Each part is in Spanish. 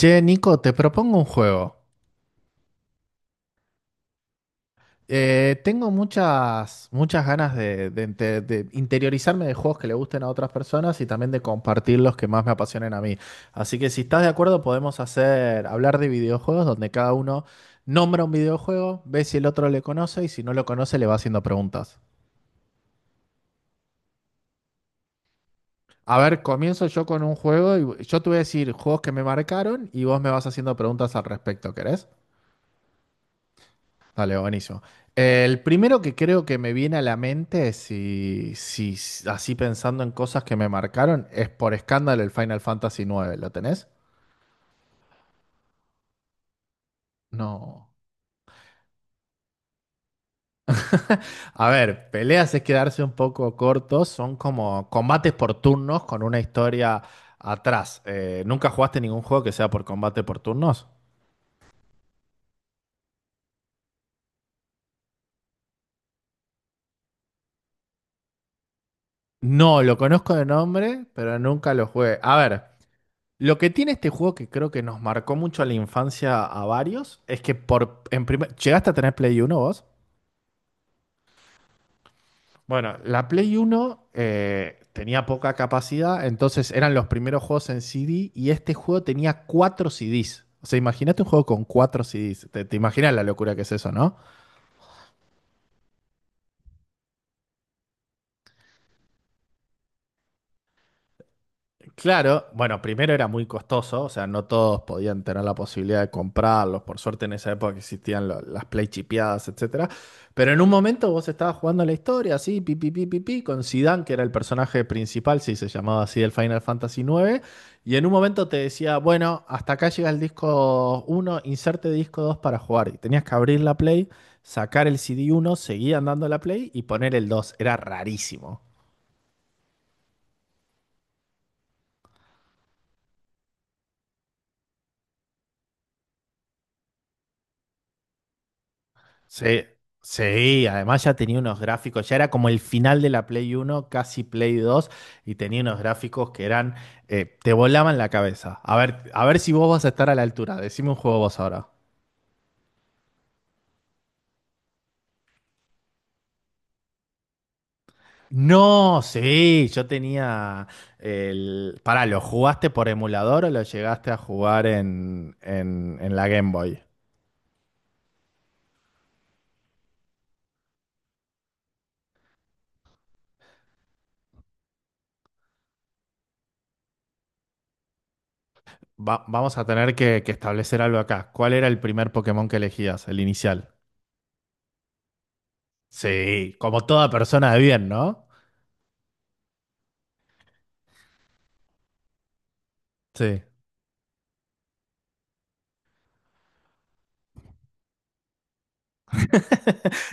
Che, Nico, te propongo un juego. Tengo muchas, muchas ganas de interiorizarme de juegos que le gusten a otras personas y también de compartir los que más me apasionen a mí. Así que si estás de acuerdo, podemos hacer hablar de videojuegos donde cada uno nombra un videojuego, ve si el otro le conoce y si no lo conoce le va haciendo preguntas. A ver, comienzo yo con un juego y yo te voy a decir juegos que me marcaron y vos me vas haciendo preguntas al respecto, ¿querés? Dale, buenísimo. El primero que creo que me viene a la mente, si, si así pensando en cosas que me marcaron, es por escándalo el Final Fantasy nueve. ¿Lo tenés? No. A ver, peleas es quedarse un poco cortos, son como combates por turnos con una historia atrás. ¿Nunca jugaste ningún juego que sea por combate por turnos? No, lo conozco de nombre, pero nunca lo jugué. A ver, lo que tiene este juego que creo que nos marcó mucho a la infancia a varios es que por en primer, ¿llegaste a tener Play 1 vos? Bueno, la Play 1 tenía poca capacidad, entonces eran los primeros juegos en CD y este juego tenía cuatro CDs. O sea, imagínate un juego con cuatro CDs. Te imaginas la locura que es eso, ¿no? Claro, bueno, primero era muy costoso, o sea, no todos podían tener la posibilidad de comprarlos. Por suerte en esa época existían las play chipeadas, etcétera. Pero en un momento vos estabas jugando la historia, así, pi, pi, pi, pi, pi, con Zidane, que era el personaje principal, sí, se llamaba así el Final Fantasy IX, y en un momento te decía, bueno, hasta acá llega el disco uno, inserte disco 2 para jugar. Y tenías que abrir la play, sacar el CD uno, seguir andando la play y poner el dos. Era rarísimo. Sí, sí, además ya tenía unos gráficos, ya era como el final de la Play uno, casi Play 2, y tenía unos gráficos que eran, te volaban la cabeza. A ver si vos vas a estar a la altura, decime un juego vos ahora. No, sí, yo tenía el... Pará, ¿lo jugaste por emulador o lo llegaste a jugar en, en la Game Boy? Vamos a tener que establecer algo acá. ¿Cuál era el primer Pokémon que elegías, el inicial? Sí, como toda persona de bien, ¿no? Sí.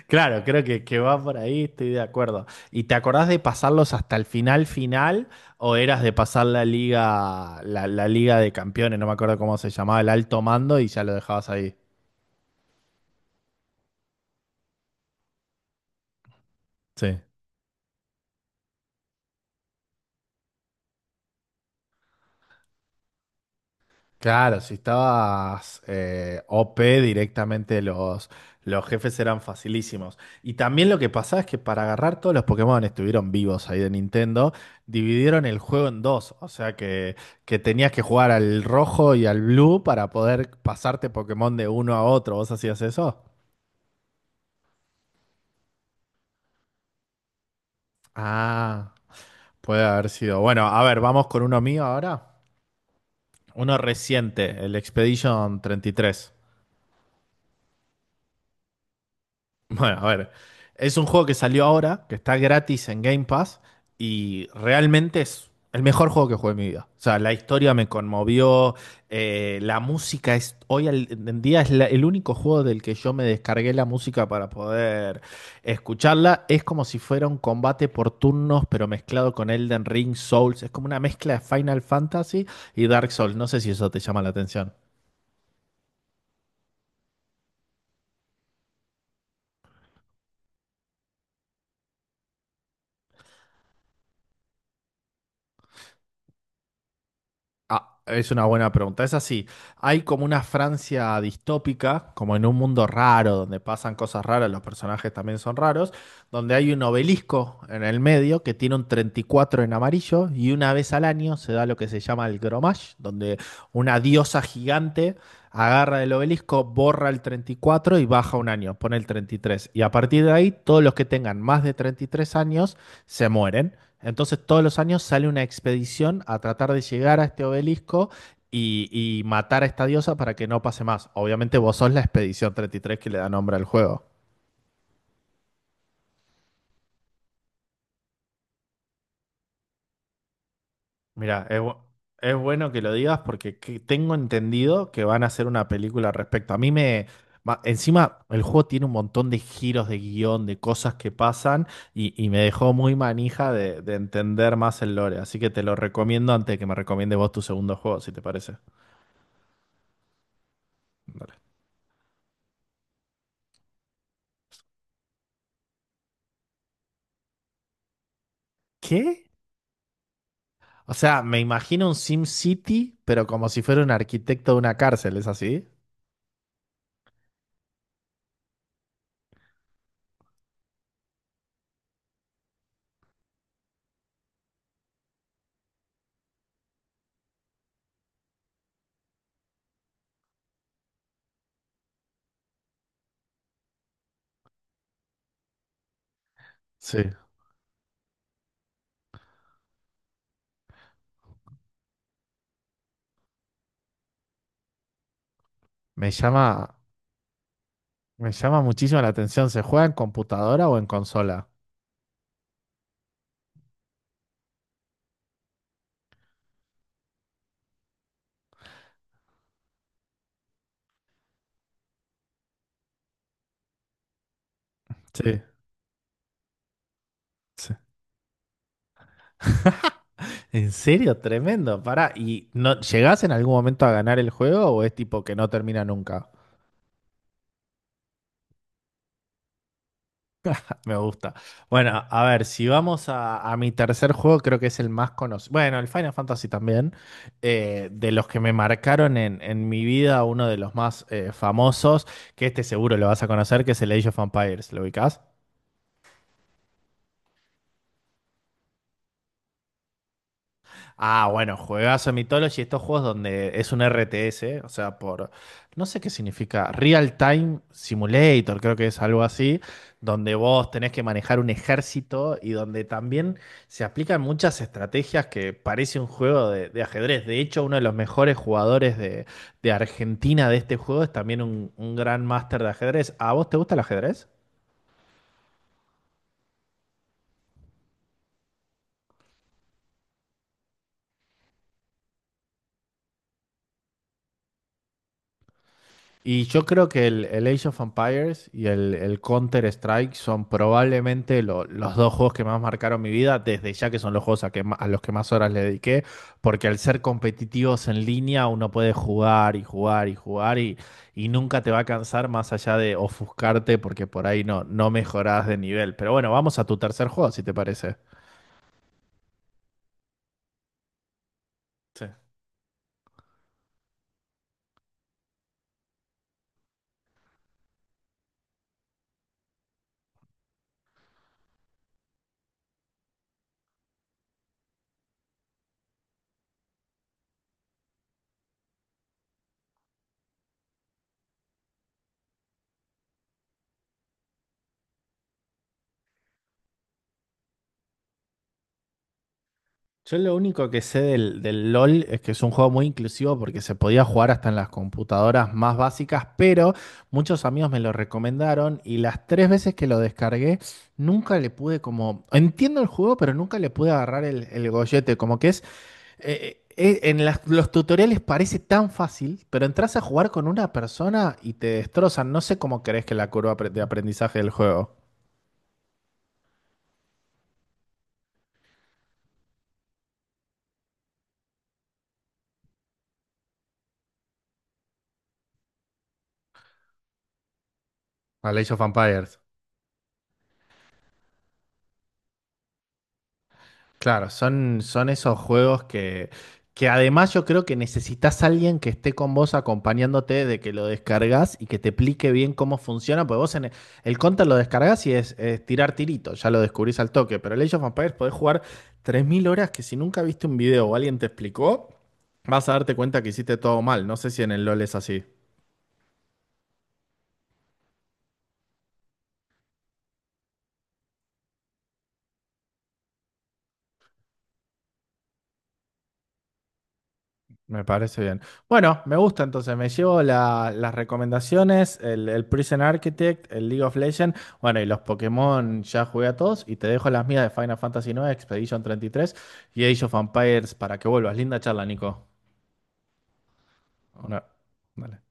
Claro, creo que va por ahí, estoy de acuerdo. ¿Y te acordás de pasarlos hasta el final final o eras de pasar la liga, la liga de campeones, no me acuerdo cómo se llamaba, el alto mando y ya lo dejabas ahí? Sí. Claro, si estabas OP directamente los jefes eran facilísimos. Y también lo que pasaba es que para agarrar todos los Pokémon estuvieron vivos ahí de Nintendo, dividieron el juego en dos. O sea que tenías que jugar al rojo y al blue para poder pasarte Pokémon de uno a otro. ¿Vos hacías eso? Ah, puede haber sido. Bueno, a ver, vamos con uno mío ahora. Uno reciente, el Expedition 33. Bueno, a ver, es un juego que salió ahora, que está gratis en Game Pass y realmente es el mejor juego que jugué en mi vida. O sea, la historia me conmovió, la música es, hoy en día es el único juego del que yo me descargué la música para poder escucharla. Es como si fuera un combate por turnos, pero mezclado con Elden Ring, Souls. Es como una mezcla de Final Fantasy y Dark Souls. No sé si eso te llama la atención. Ah, es una buena pregunta. Es así. Hay como una Francia distópica, como en un mundo raro, donde pasan cosas raras, los personajes también son raros, donde hay un obelisco en el medio que tiene un 34 en amarillo y una vez al año se da lo que se llama el Gromash, donde una diosa gigante agarra el obelisco, borra el 34 y baja un año, pone el treinta y tres y a partir de ahí, todos los que tengan más de 33 años se mueren. Entonces todos los años sale una expedición a tratar de llegar a este obelisco y matar a esta diosa para que no pase más. Obviamente vos sos la expedición 33 que le da nombre al juego. Mira, es bueno que lo digas porque tengo entendido que van a hacer una película al respecto. A mí me... Encima, el juego tiene un montón de giros de guión, de cosas que pasan y me dejó muy manija de entender más el lore. Así que te lo recomiendo antes de que me recomiende vos tu segundo juego, si te parece. Dale. ¿Qué? O sea, me imagino un SimCity, pero como si fuera un arquitecto de una cárcel, ¿es así? Sí. Me llama, me llama muchísimo la atención. ¿Se juega en computadora o en consola? Sí, sí. En serio, tremendo. Pará, ¿y no llegás en algún momento a ganar el juego o es tipo que no termina nunca? Me gusta. Bueno, a ver, si vamos a mi tercer juego, creo que es el más conocido. Bueno, el Final Fantasy también. De los que me marcaron en, mi vida, uno de los más famosos, que este seguro lo vas a conocer, que es el Age of Empires. ¿Lo ubicás? Ah, bueno, juegazo Mythology, estos juegos donde es un RTS, o sea, por, no sé qué significa, Real Time Simulator, creo que es algo así, donde vos tenés que manejar un ejército y donde también se aplican muchas estrategias que parece un juego de ajedrez. De hecho, uno de los mejores jugadores de Argentina de este juego es también un gran máster de ajedrez. ¿A vos te gusta el ajedrez? Y yo creo que el Age of Empires y el Counter-Strike son probablemente los dos juegos que más marcaron mi vida, desde ya que son los juegos a los que más horas le dediqué, porque al ser competitivos en línea uno puede jugar y jugar y jugar y nunca te va a cansar más allá de ofuscarte porque por ahí no, no mejorás de nivel. Pero bueno, vamos a tu tercer juego, si te parece. Yo lo único que sé del LOL es que es un juego muy inclusivo porque se podía jugar hasta en las computadoras más básicas, pero muchos amigos me lo recomendaron y las tres veces que lo descargué nunca le pude como... Entiendo el juego, pero nunca le pude agarrar el gollete, como que es... los tutoriales parece tan fácil, pero entras a jugar con una persona y te destrozan. No sé cómo crees que la curva de aprendizaje del juego. A Age of Empires. Claro, son esos juegos que además yo creo que necesitas alguien que esté con vos acompañándote de que lo descargas y que te explique bien cómo funciona, porque vos en el Counter lo descargas y es tirar tirito, ya lo descubrís al toque, pero el Age of Empires podés jugar 3.000 horas que si nunca viste un video o alguien te explicó, vas a darte cuenta que hiciste todo mal. No sé si en el LoL es así. Me parece bien. Bueno, me gusta entonces. Me llevo las recomendaciones, el Prison Architect, el League of Legends. Bueno, y los Pokémon ya jugué a todos. Y te dejo las mías de Final Fantasy nueve Expedition 33 y tres y Age of Empires para que vuelvas. Linda charla, Nico. Una- dale.